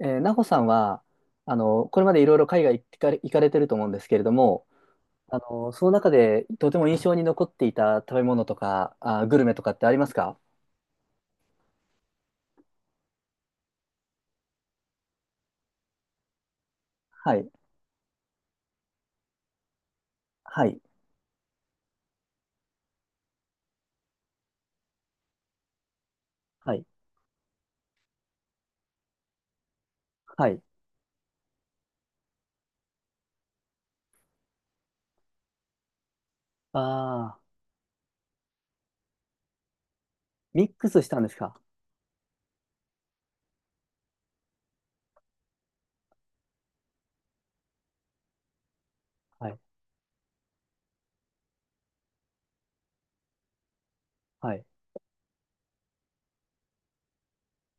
なほさんは、これまでいろいろ海外行かれ、行かれてると思うんですけれども、その中でとても印象に残っていた食べ物とか、グルメとかってありますか？はい、はい、はい、はい。ああ、ミックスしたんですか？はい、はい。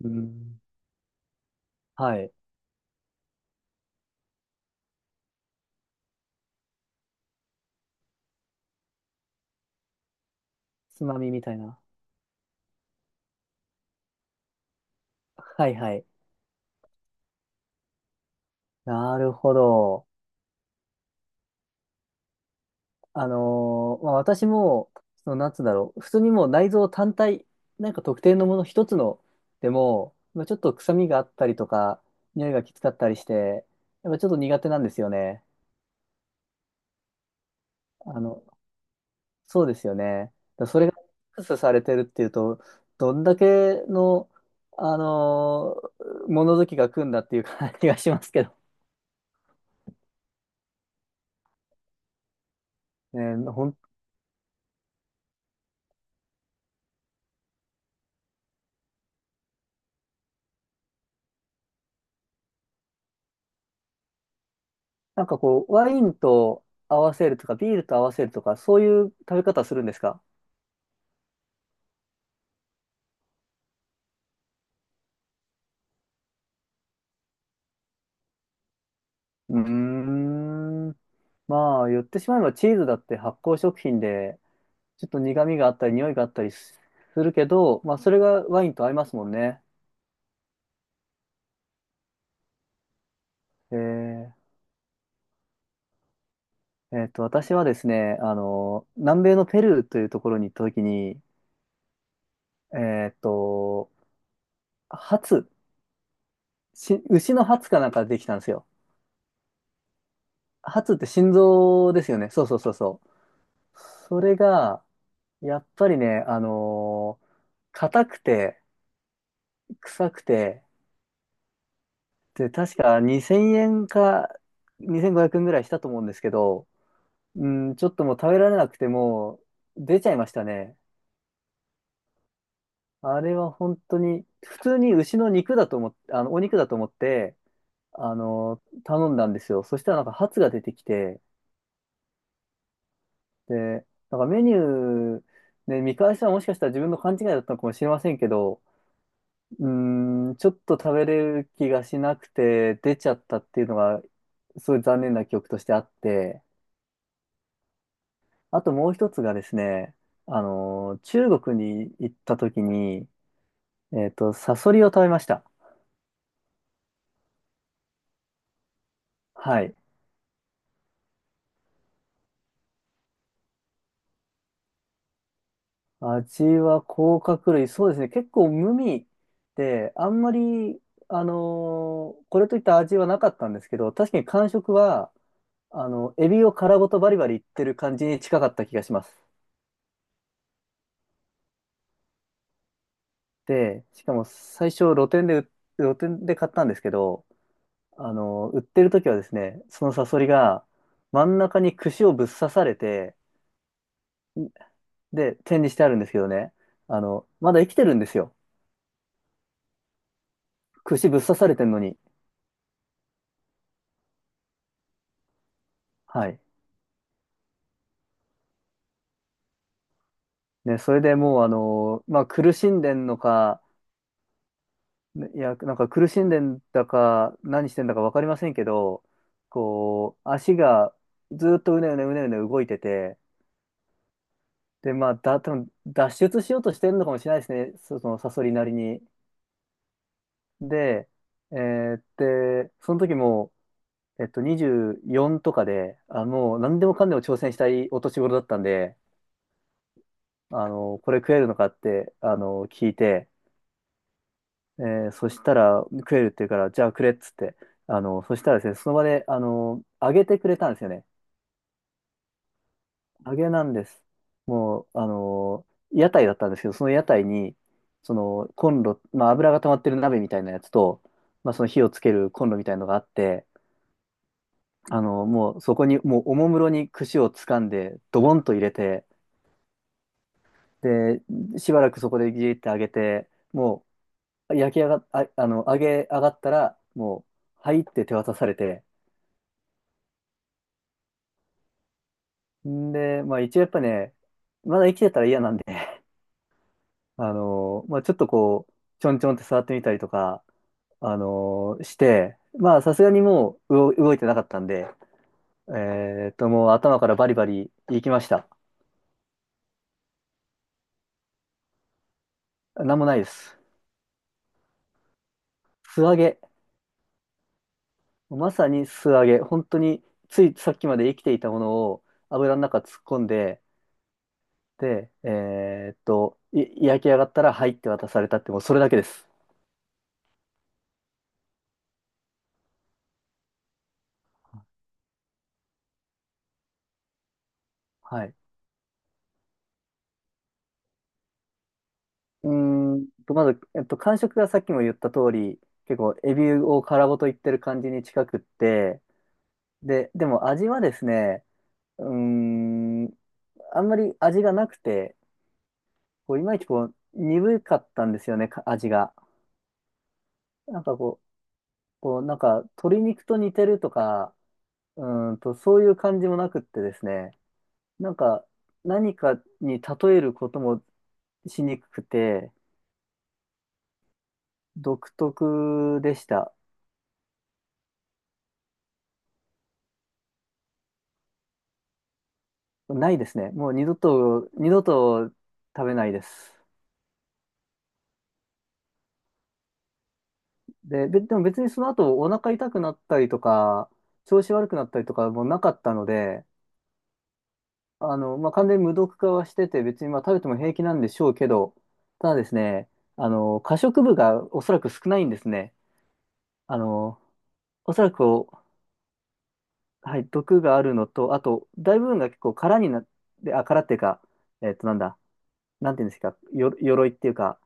うーん、はい。つまみみたいな。はい、はい。なるほど。まあ、私も、その、なんつうんだろう、普通にもう内臓単体、なんか特定のもの一つのでも、まあ、ちょっと臭みがあったりとか、匂いがきつかったりして、やっぱちょっと苦手なんですよね。あの、そうですよね。だそれがミックスされてるっていうと、どんだけの、あのー物好きが来るんだっていう感じがしますけど。ね、なんかこう、ワインと合わせるとか、ビールと合わせるとか、そういう食べ方するんですか？うーん。まあ、言ってしまえばチーズだって発酵食品で、ちょっと苦味があったり、匂いがあったりするけど、まあ、それがワインと合いますもんね。えー私はですね、南米のペルーというところに行った時に、えっと、ハツ、し牛のハツかなんかできたんですよ。ハツって心臓ですよね。そうそうそうそう。それが、やっぱりね、硬くて、臭くて、で、確か2000円か2500円ぐらいしたと思うんですけど、うん、ちょっともう食べられなくてもう出ちゃいましたね。あれは本当に、普通に牛の肉だと思ってお肉だと思って、頼んだんですよ。そしたらなんかハツが出てきて、で、なんかメニュー、ね、見返したらもしかしたら自分の勘違いだったのかもしれませんけど、うーん、ちょっと食べれる気がしなくて出ちゃったっていうのが、すごい残念な記憶としてあって、あともう一つがですね、中国に行った時に、サソリを食べました。はい。味は甲殻類、そうですね、結構無味で、あんまり、これといった味はなかったんですけど、確かに感触は、エビを殻ごとバリバリいってる感じに近かった気がします。で、しかも最初露店で買ったんですけど、売ってる時はですね、そのサソリが真ん中に串をぶっ刺されて、で、展示してあるんですけどね、まだ生きてるんですよ。串ぶっ刺されてんのに。はい。ね、それでもう、まあ、苦しんでんのか、いや、なんか苦しんでんだか、何してんだかわかりませんけど、こう、足がずっとうねうねうねうね動いてて、で、まあ、多分脱出しようとしてるのかもしれないですね、そのサソリなりに。で、えーで、その時も、24とかで、あ、もう何でもかんでも挑戦したいお年頃だったんで、これ食えるのかって、聞いて、えそしたら食えるって言うから、じゃあくれっつって、そしたらですね、その場で、揚げてくれたんですよね。揚げなんです。もう、屋台だったんですけど、その屋台に、そのコンロ、まあ、油が溜まってる鍋みたいなやつと、まあ、その火をつけるコンロみたいなのがあって、もうそこに、もうおもむろに串をつかんで、ドボンと入れて、で、しばらくそこでギーって揚げて、もう焼き上が、あ、あの、揚げ上がったら、もう、はいって手渡されて、んで、まあ一応やっぱね、まだ生きてたら嫌なんで、まあちょっとこう、ちょんちょんって触ってみたりとか、して、まあさすがにもう動いてなかったんで、えもう頭からバリバリいきました。なんもないです。素揚げ。まさに素揚げ。本当に、ついさっきまで生きていたものを油の中突っ込んで、で、焼き上がったら、はいって渡されたって、もうそれだけです。はい。まず、感触がさっきも言った通り、結構、エビを殻ごといってる感じに近くって、でも味はですね、うーん、あんまり味がなくて、こういまいちこう、鈍かったんですよね、味が。なんかこう、なんか、鶏肉と似てるとか、うそういう感じもなくってですね、なんか、何かに例えることもしにくくて、独特でした。ないですね。もう二度と、二度と食べないです。で、でも別にその後お腹痛くなったりとか、調子悪くなったりとかもなかったので、まあ、完全に無毒化はしてて、別にまあ食べても平気なんでしょうけど、ただですね、可食部がおそらく少ないんですね。あの、おそらくこう、はい、毒があるのと、あと、大部分が結構空になって、あ、空っていうか、なんだ、なんていうんですか、鎧っていうか、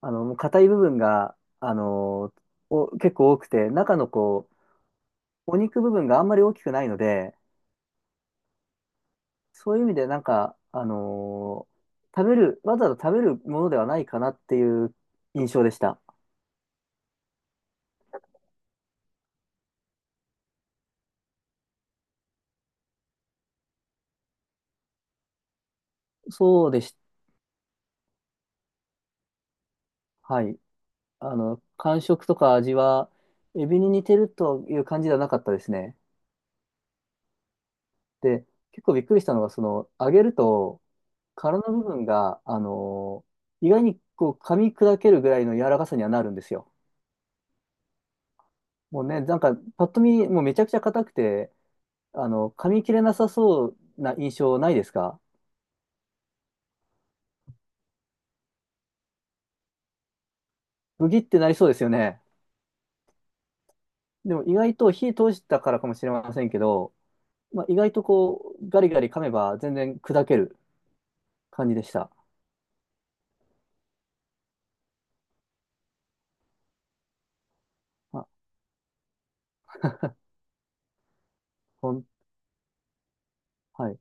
硬い部分が、結構多くて、中のこう、お肉部分があんまり大きくないので、そういう意味でなんか、食べる、わざわざ食べるものではないかなっていう印象でした。そうでした。はい。感触とか味は、エビに似てるという感じではなかったですね。で、結構びっくりしたのが、その、揚げると、殻の部分が、意外にこう噛み砕けるぐらいの柔らかさにはなるんですよ。もうね、なんかパッと見、もうめちゃくちゃ硬くて、噛み切れなさそうな印象ないですか？ブギってなりそうですよね。でも意外と火通したからかもしれませんけど、まあ、意外とこう、ガリガリ噛めば全然砕ける感じでした。まあ、ほん、はい。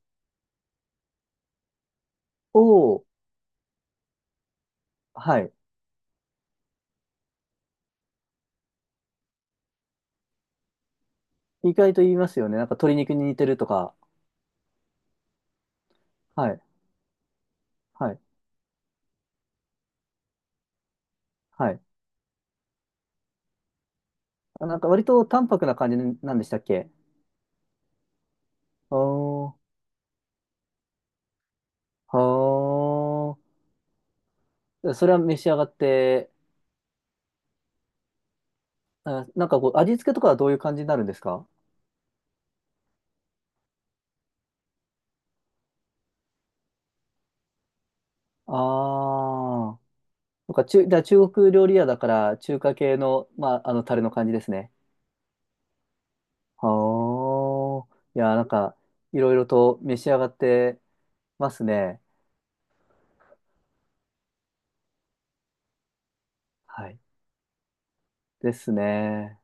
おー、はい。意外と言いますよね。なんか鶏肉に似てるとか。はい、はい、はい。あ、なんか割と淡白な感じなんでしたっけ？あー。はあ。それは召し上がって、あ、なんかこう、味付けとかはどういう感じになるんですか？ああー。なんかだから中国料理屋だから、中華系の、まあ、タレの感じですね。はあ。いや、なんか、いろいろと召し上がってますね。はい。ですね。